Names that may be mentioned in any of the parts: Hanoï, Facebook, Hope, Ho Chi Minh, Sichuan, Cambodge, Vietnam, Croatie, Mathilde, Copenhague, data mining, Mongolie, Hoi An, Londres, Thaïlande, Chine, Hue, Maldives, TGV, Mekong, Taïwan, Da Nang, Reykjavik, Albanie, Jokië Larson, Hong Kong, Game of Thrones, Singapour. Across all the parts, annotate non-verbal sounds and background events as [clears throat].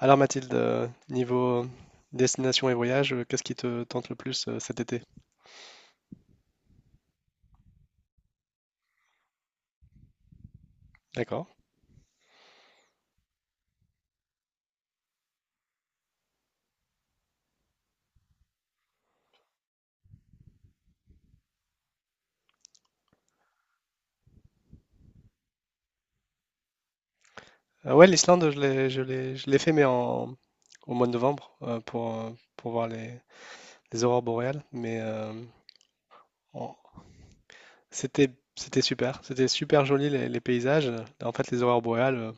Alors Mathilde, niveau destination et voyage, qu'est-ce qui te tente le plus cet été? D'accord. Ouais, l'Islande, je l'ai fait, mais au mois de novembre, pour voir les aurores boréales. Mais en- c'était, c'était super. C'était super joli les paysages. En fait, les aurores boréales,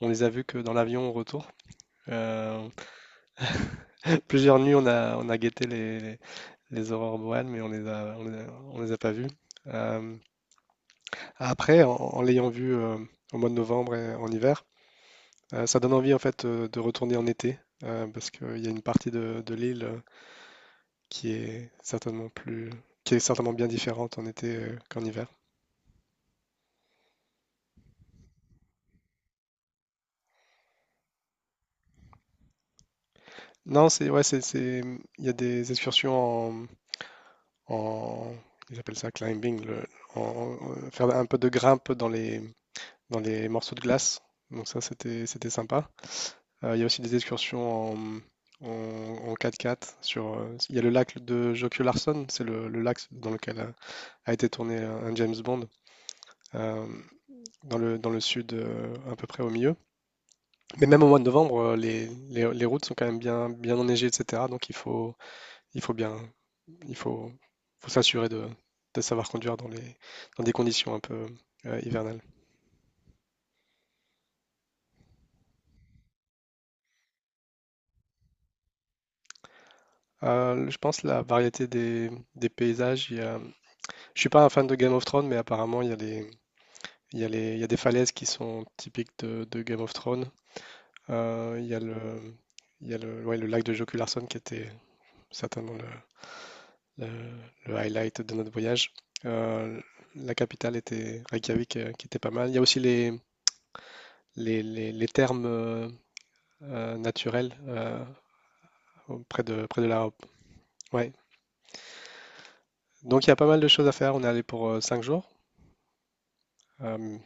on les a vues que dans l'avion au retour. Euh, [laughs] Plusieurs nuits, on a guetté les aurores boréales, mais on les a pas vues. Euh, Après, en l'ayant vu au mois de novembre et en hiver, ça donne envie en fait de retourner en été, parce qu'il y a une partie de l'île, qui est certainement plus, qui est certainement bien différente en été, qu'en hiver. Non, c'est ouais, il y a des excursions en- ils appellent ça climbing, faire un peu de grimpe dans les morceaux de glace. Donc ça, c'était sympa. Il y a aussi des excursions en, en 4x4 sur. Il y a le lac de Jokië Larson, c'est le lac dans lequel a été tourné un James Bond, euh, dans dans le sud, à peu près au milieu. Mais même au mois de novembre, les routes sont quand même bien enneigées, etc. Donc il faut bien, il faut, faut s'assurer de savoir conduire dans dans des conditions un peu hivernales. Je pense la variété des paysages. Je suis pas un fan de Game of Thrones, mais apparemment il y a des falaises qui sont typiques de Game of Thrones. Il y a le, il y a le, ouais, le lac de Joku Larson qui était certainement le- le highlight de notre voyage. Euh, la capitale était Reykjavik, qui était pas mal. Il y a aussi les thermes naturels, près de la Hope. Ouais. Donc il y a pas mal de choses à faire. On est allé pour 5 jours. Euh,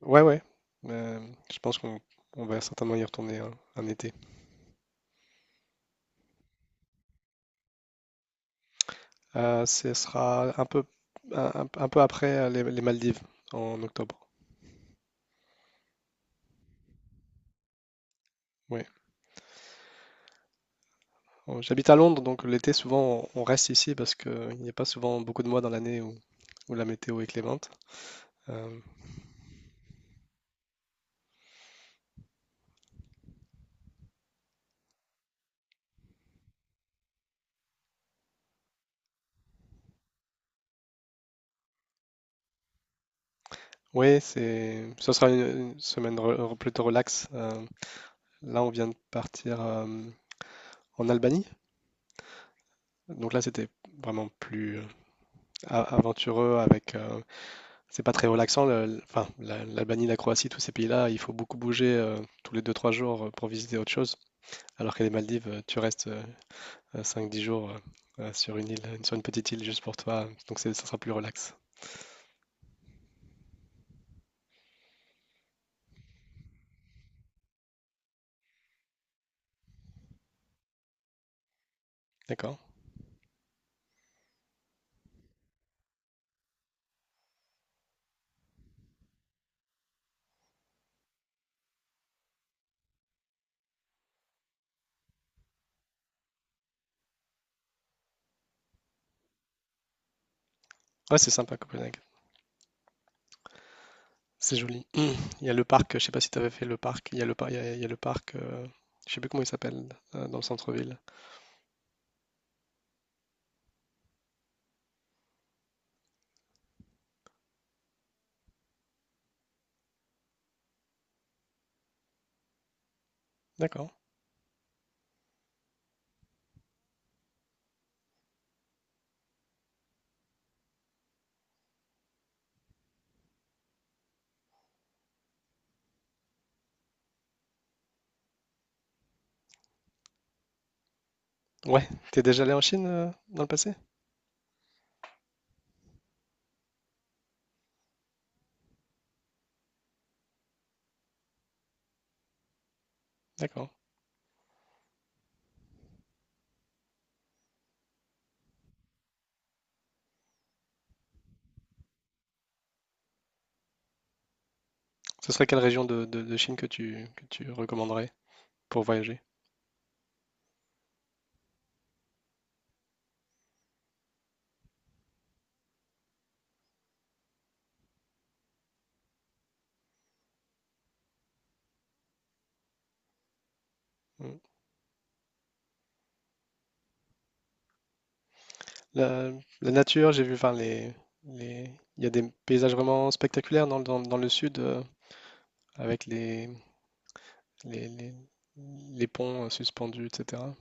ouais, ouais. Euh, je pense qu'on on va certainement y retourner un été. Ce sera un peu après les Maldives, en octobre. Oui. J'habite à Londres, donc l'été, souvent, on reste ici parce qu'il n'y a pas souvent beaucoup de mois dans l'année où la météo est clémente. Euh, oui, ce sera une semaine plutôt relax. Là, on vient de partir en Albanie. Donc là, c'était vraiment plus aventureux c'est pas très relaxant. Enfin, l'Albanie, la Croatie, tous ces pays-là, il faut beaucoup bouger, tous les 2-3 jours, pour visiter autre chose. Alors que les Maldives, tu restes 5-10 jours, sur une île, sur une petite île juste pour toi, donc ça sera plus relax. D'accord? Ouais, c'est sympa Copenhague. C'est joli. Il y a le parc, je sais pas si tu avais fait le parc, il y a le parc, je sais plus comment il s'appelle, dans le centre-ville. D'accord. Ouais, t'es déjà allé en Chine, dans le passé? D'accord. Ce serait quelle région de Chine que tu recommanderais pour voyager? Hmm. La, la nature, j'ai vu, enfin, les... il y a des paysages vraiment spectaculaires dans le sud, avec les, les- les ponts, suspendus, etc.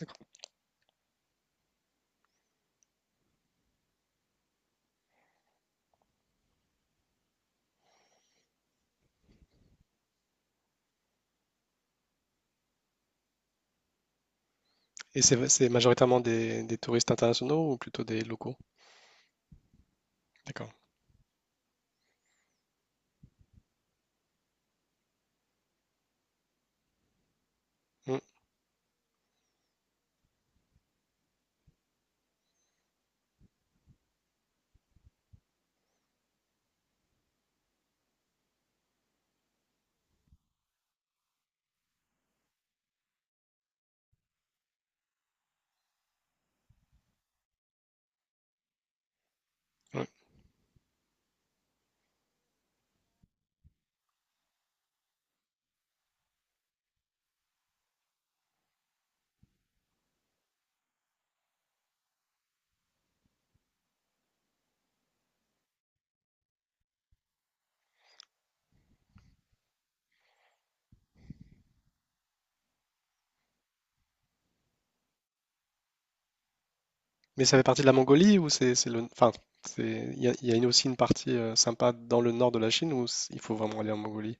D'accord. Et c'est majoritairement des touristes internationaux ou plutôt des locaux? D'accord. Mm, ouais. Mais ça fait partie de la Mongolie ou enfin, il y a aussi une partie sympa dans le nord de la Chine ou il faut vraiment aller en Mongolie?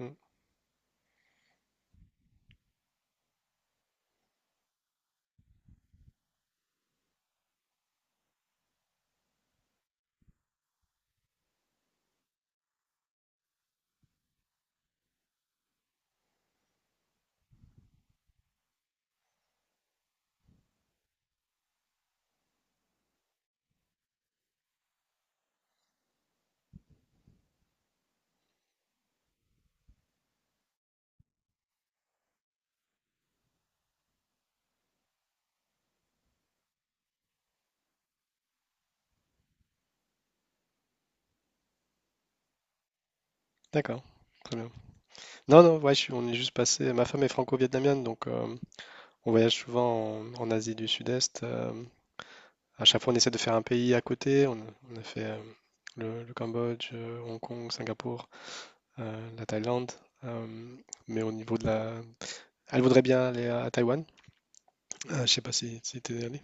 Mm. D'accord. Très bien. Non, non, ouais, on est juste passé. Ma femme est franco-vietnamienne, donc on voyage souvent en Asie du Sud-Est. À chaque fois, on essaie de faire un pays à côté. On a fait, le Cambodge, Hong Kong, Singapour, la Thaïlande, euh, mais au niveau de la... elle voudrait bien aller à Taïwan. Je sais pas si t'es allé.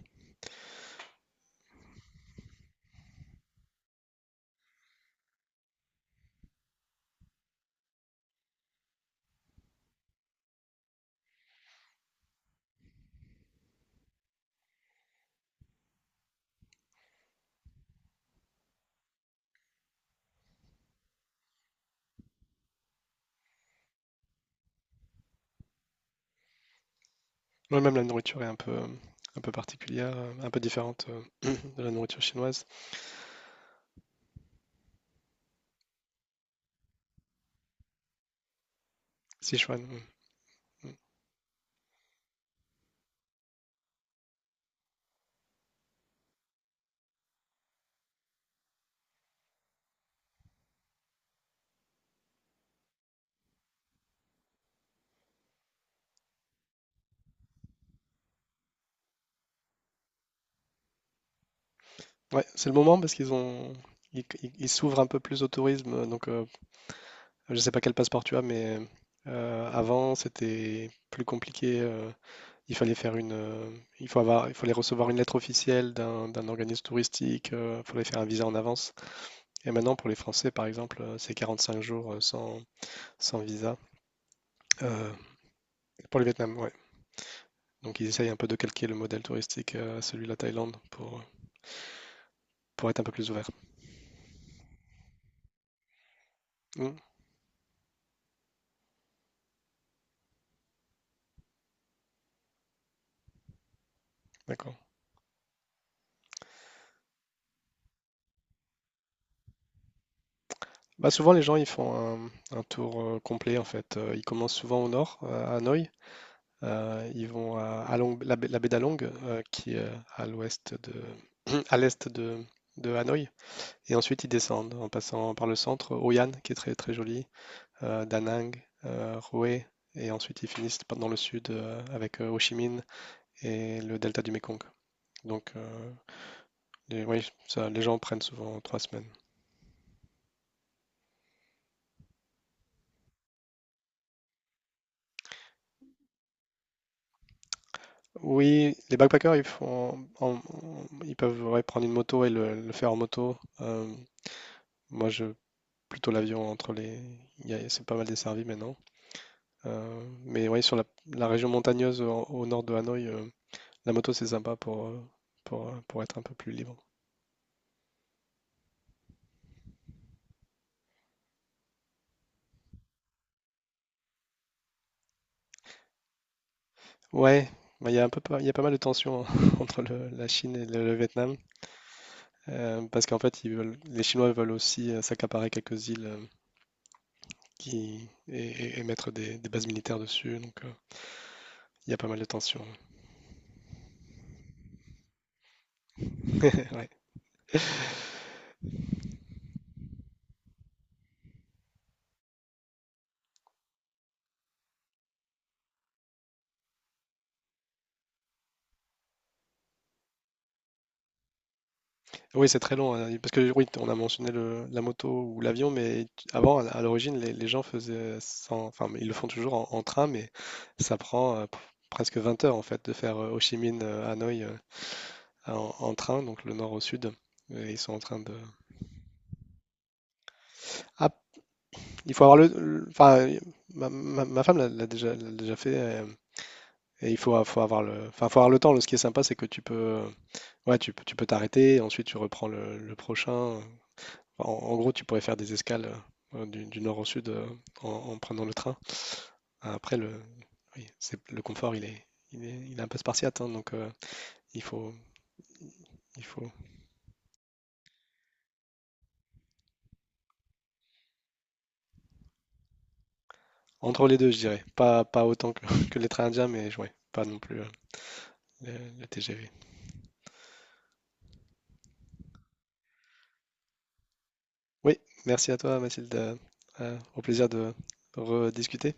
Moi, même la nourriture est un peu particulière, un peu différente, [clears throat] de la nourriture chinoise. Sichuan. Mm, mm. Ouais, c'est le moment, parce qu'ils ont... Ils- ils s'ouvrent un peu plus au tourisme. Donc, je sais pas quel passeport tu as, mais avant, c'était plus compliqué. Il fallait faire une, il faut avoir, Il fallait recevoir une lettre officielle d'un organisme touristique. Il fallait faire un visa en avance. Et maintenant, pour les Français, par exemple, c'est 45 jours, sans visa. Euh, pour le Vietnam, ouais. Donc ils essayent un peu de calquer le modèle touristique, à celui de la Thaïlande pour être un peu plus ouvert. Hmm, d'accord. Bah souvent les gens ils font un, un tour, complet en fait. Ils commencent souvent au nord, à Hanoï. Ils vont à baie la baie d'Along, qui est, à l'ouest de [clears throat] à l'est de Hanoï. Et ensuite ils descendent en passant par le centre, Hoi An qui est très très joli. Da Nang, Hue, et ensuite ils finissent dans le sud, avec Ho Chi Minh et le delta du Mekong. Donc, oui, ça, les gens prennent souvent 3 semaines. Oui, les backpackers, ils font, ils peuvent, ouais, prendre une moto et le faire en moto. Moi, je plutôt l'avion entre les, c'est pas mal desservi maintenant. Mais oui, sur la région montagneuse au nord de Hanoï, la moto c'est sympa pour être un peu plus libre. Ouais, bah, il y a pas mal de tensions [laughs] entre la Chine et le Vietnam, parce qu'en fait, les Chinois veulent aussi, s'accaparer quelques îles, et mettre des bases militaires dessus, donc, il y a pas mal de tensions. [laughs] Ouais. Oui, c'est très long, hein, parce que oui, on a mentionné la moto ou l'avion, mais avant, à l'origine, les gens faisaient sans, enfin, ils le font toujours en train, mais ça prend, presque 20 heures en fait de faire, Ho Chi Minh, Hanoï, en train, donc le nord au sud. Et ils sont en train de. Il faut avoir le. Le- Enfin, ma femme l'a déjà fait. Et, faut avoir le, enfin, faut avoir le temps. Ce qui est sympa, c'est que tu peux, ouais, tu peux t'arrêter. Ensuite, tu reprends le prochain. Enfin, en gros, tu pourrais faire des escales, du nord au sud, en prenant le train. Après, oui, c'est le confort, il est un peu spartiate. Hein, donc, il faut, il faut entre les deux, je dirais. Pas autant que, [laughs] que les trains indiens, mais ouais, pas non plus, le TGV. Oui, merci à toi Mathilde. Au plaisir de rediscuter.